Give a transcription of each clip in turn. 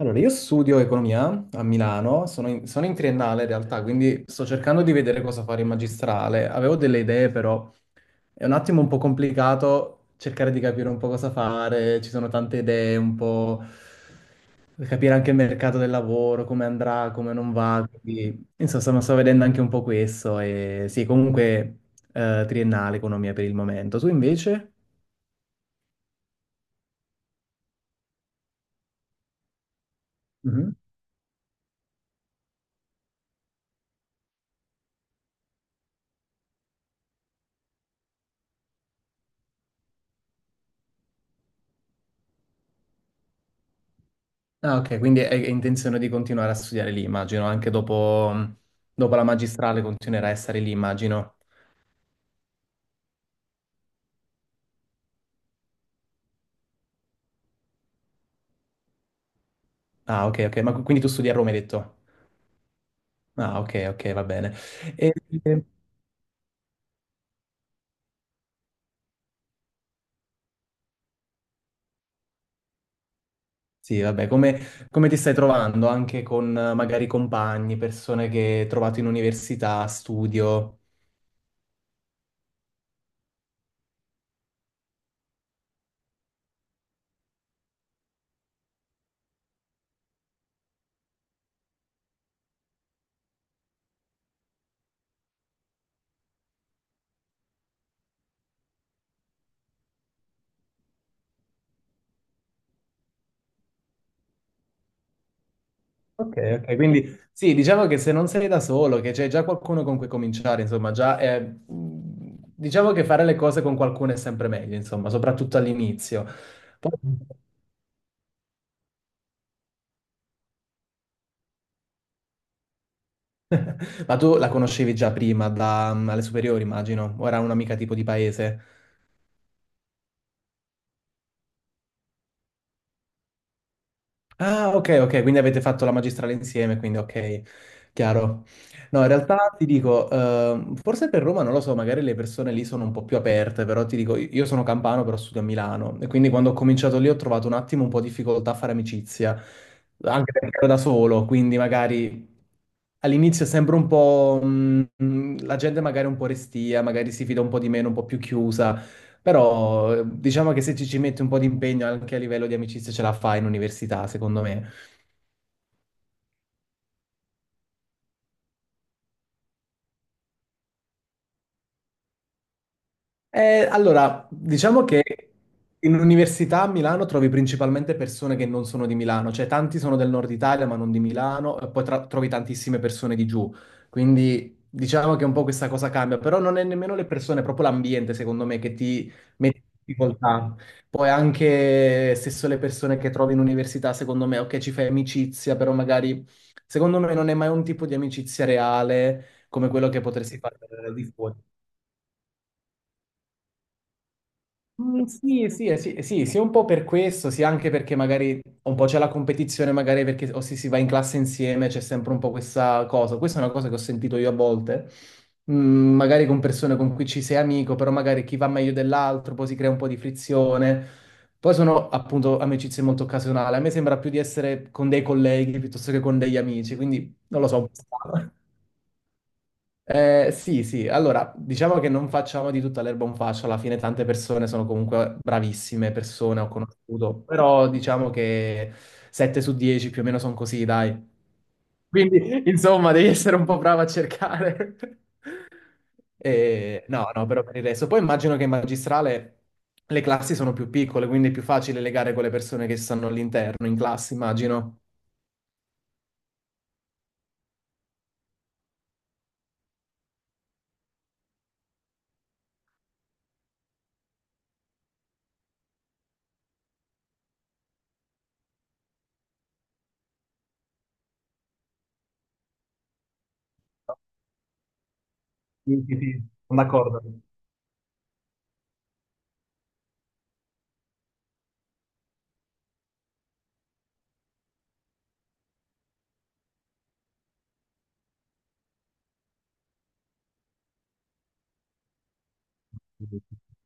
Allora, io studio economia a Milano, sono in triennale in realtà, quindi sto cercando di vedere cosa fare in magistrale. Avevo delle idee, però è un attimo un po' complicato cercare di capire un po' cosa fare, ci sono tante idee, un po' capire anche il mercato del lavoro, come andrà, come non va. Quindi, insomma, sto vedendo anche un po' questo e sì, comunque triennale economia per il momento. Tu invece? Ah, ok, quindi hai intenzione di continuare a studiare lì, immagino, anche dopo, dopo la magistrale continuerai a stare lì, immagino. Ah, ok, ok, ma quindi tu studi a Roma, hai detto? Ah, ok, ok, va bene. E, e- sì, vabbè, come ti stai trovando anche con magari compagni, persone che hai trovato in università, studio? Ok, ok, quindi sì, diciamo che se non sei da solo, che c'è già qualcuno con cui cominciare, insomma, diciamo che fare le cose con qualcuno è sempre meglio, insomma, soprattutto all'inizio. Ma tu la conoscevi già prima, da, alle superiori, immagino, o era un'amica tipo di paese? Ah, ok, ok, quindi avete fatto la magistrale insieme, quindi ok, chiaro. No, in realtà ti dico, forse per Roma, non lo so, magari le persone lì sono un po' più aperte, però ti dico, io sono campano, però studio a Milano, e quindi quando ho cominciato lì ho trovato un attimo un po' di difficoltà a fare amicizia, anche perché ero da solo, quindi magari... All'inizio sembra un po', la gente magari è un po' restia, magari si fida un po' di meno, un po' più chiusa, però diciamo che se ci metti un po' di impegno anche a livello di amicizia ce la fai in università, secondo me. Allora, diciamo che in università a Milano trovi principalmente persone che non sono di Milano, cioè tanti sono del nord Italia ma non di Milano, e poi trovi tantissime persone di giù, quindi diciamo che un po' questa cosa cambia, però non è nemmeno le persone, è proprio l'ambiente secondo me che ti mette in difficoltà. Poi anche stesso le persone che trovi in università, secondo me, ok, ci fai amicizia, però magari secondo me non è mai un tipo di amicizia reale come quello che potresti fare di fuori. Sì, sì, sì, sì, sia un po' per questo, sia anche perché magari un po' c'è la competizione, magari perché o si va in classe insieme, c'è sempre un po' questa cosa. Questa è una cosa che ho sentito io a volte, magari con persone con cui ci sei amico, però magari chi va meglio dell'altro, poi si crea un po' di frizione. Poi sono appunto amicizie molto occasionali. A me sembra più di essere con dei colleghi piuttosto che con degli amici, quindi non lo so. Sì, sì, allora diciamo che non facciamo di tutta l'erba un fascio, alla fine tante persone sono comunque bravissime persone, ho conosciuto, però diciamo che 7 su 10 più o meno sono così, dai. Quindi insomma devi essere un po' bravo a cercare. E, no, no, però per il resto. Poi immagino che in magistrale le classi sono più piccole, quindi è più facile legare con le persone che stanno all'interno, in classe, immagino. Sì, sì, sì, sono d'accordo.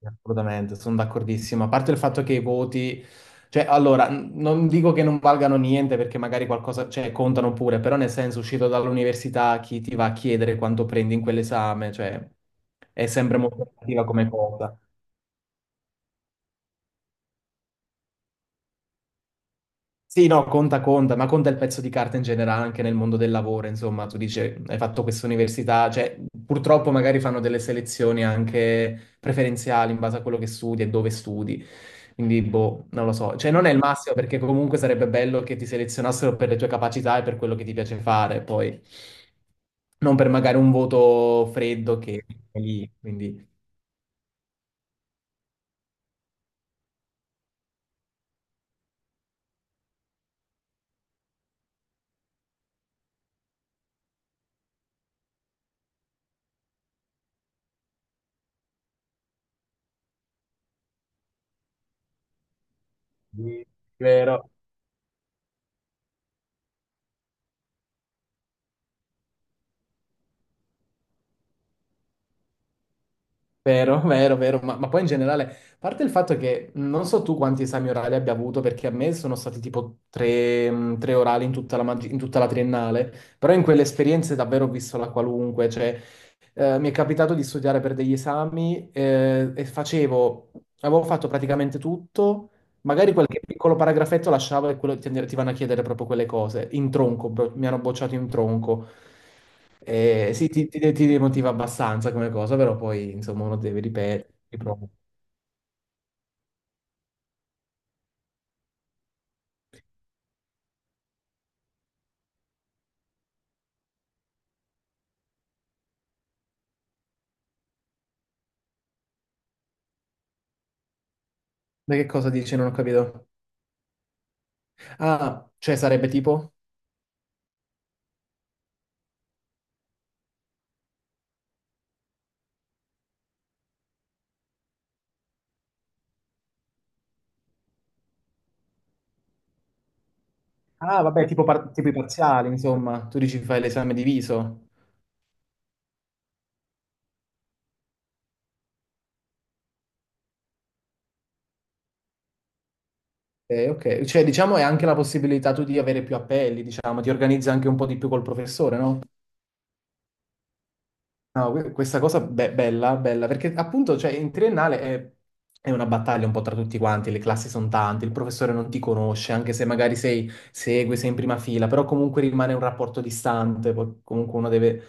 Assolutamente, sono d'accordissimo. A parte il fatto che i voti, cioè, allora, non dico che non valgano niente perché magari qualcosa, cioè, contano pure, però nel senso, uscito dall'università, chi ti va a chiedere quanto prendi in quell'esame, cioè, è sempre molto relativa come cosa. Sì, no, conta, conta, ma conta il pezzo di carta in generale anche nel mondo del lavoro, insomma, tu dici, hai fatto questa università, cioè, purtroppo magari fanno delle selezioni anche preferenziali in base a quello che studi e dove studi, quindi, boh, non lo so, cioè, non è il massimo perché comunque sarebbe bello che ti selezionassero per le tue capacità e per quello che ti piace fare, poi, non per magari un voto freddo che è lì, quindi... Vero. Vero, vero, vero, ma poi in generale, a parte il fatto che non so tu quanti esami orali abbia avuto, perché a me sono stati tipo tre, tre orali in tutta la, in tutta la triennale, però in quelle esperienze davvero ho visto la qualunque, cioè mi è capitato di studiare per degli esami avevo fatto praticamente tutto, magari qualche piccolo paragrafetto lasciavo e quello, ti vanno a chiedere proprio quelle cose, in tronco, mi hanno bocciato in tronco. Sì, ti demotiva abbastanza come cosa, però poi insomma uno deve ripetere, riprova. Ma che cosa dici? Non ho capito. Ah, cioè sarebbe tipo? Ah, vabbè, tipo i parziali, insomma. Tu dici fai l'esame diviso. Ok, ok. Cioè, diciamo, è anche la possibilità tu di avere più appelli, diciamo, ti organizzi anche un po' di più col professore, no? No, questa cosa bella, bella, perché appunto, cioè, in triennale è una battaglia un po' tra tutti quanti, le classi sono tante, il professore non ti conosce, anche se magari sei, segui, sei in prima fila, però comunque rimane un rapporto distante, poi comunque uno deve,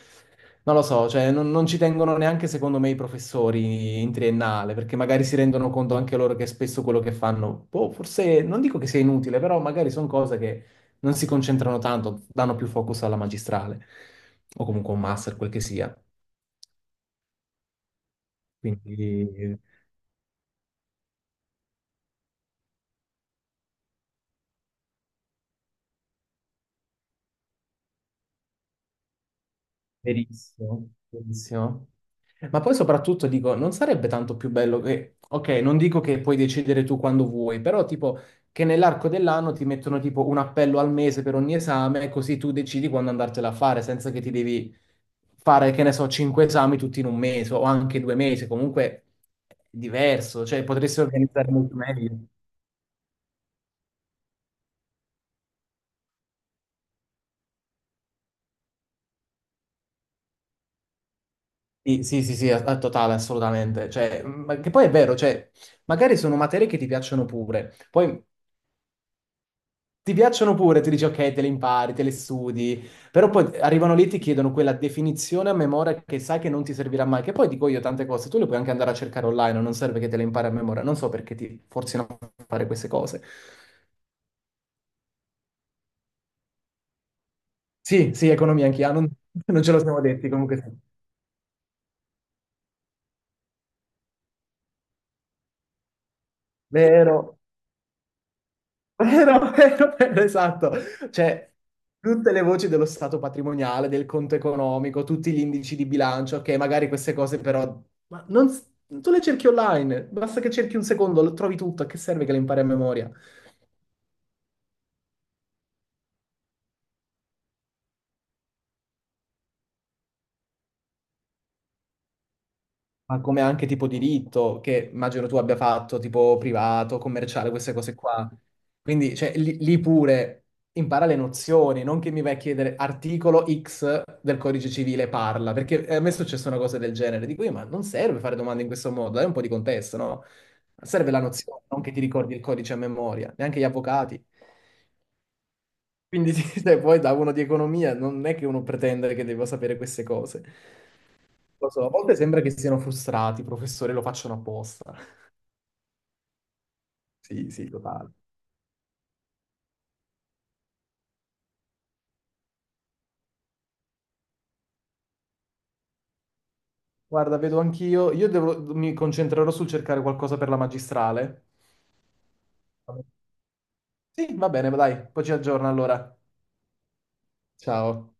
non lo so, cioè non ci tengono neanche secondo me i professori in triennale, perché magari si rendono conto anche loro che spesso quello che fanno, boh, forse non dico che sia inutile, però magari sono cose che non si concentrano tanto, danno più focus alla magistrale, o comunque a un master, quel che sia. Quindi verissimo, verissimo. Ma poi soprattutto dico, non sarebbe tanto più bello che, ok, non dico che puoi decidere tu quando vuoi, però tipo che nell'arco dell'anno ti mettono tipo un appello al mese per ogni esame, così tu decidi quando andartela a fare, senza che ti devi fare, che ne so, cinque esami tutti in un mese o anche due mesi, comunque è diverso, cioè potresti organizzare molto meglio. Sì, sì, sì, sì, a totale, assolutamente. Cioè, ma che poi è vero, cioè, magari sono materie che ti piacciono pure. Poi ti piacciono pure, ti dici ok, te le impari, te le studi, però poi arrivano lì e ti chiedono quella definizione a memoria che sai che non ti servirà mai, che poi dico io tante cose, tu le puoi anche andare a cercare online, non serve che te le impari a memoria, non so perché ti forzino a fare queste cose. Sì, sì, economia anch'io, ah, non, non ce lo siamo detti comunque. Sì. Vero. Vero, vero, vero, esatto. Cioè, tutte le voci dello stato patrimoniale, del conto economico, tutti gli indici di bilancio, che magari queste cose però... Ma non... Tu le cerchi online, basta che cerchi un secondo, lo trovi tutto, a che serve che le impari a memoria? Ma come anche tipo diritto, che immagino tu abbia fatto, tipo privato, commerciale, queste cose qua. Quindi, cioè, lì pure impara le nozioni, non che mi vai a chiedere articolo X del codice civile parla, perché a me è successa una cosa del genere. Dico io, ma non serve fare domande in questo modo, dai un po' di contesto, no? Serve la nozione, non che ti ricordi il codice a memoria, neanche gli avvocati. Quindi, sì, cioè, poi da uno di economia non è che uno pretende che debba sapere queste cose. Lo so, a volte sembra che siano frustrati, professore, lo facciano apposta. Sì, sì, totale. Guarda, vedo anch'io, io mi concentrerò sul cercare qualcosa per la magistrale. Sì, va bene, dai, poi ci aggiorno allora. Ciao.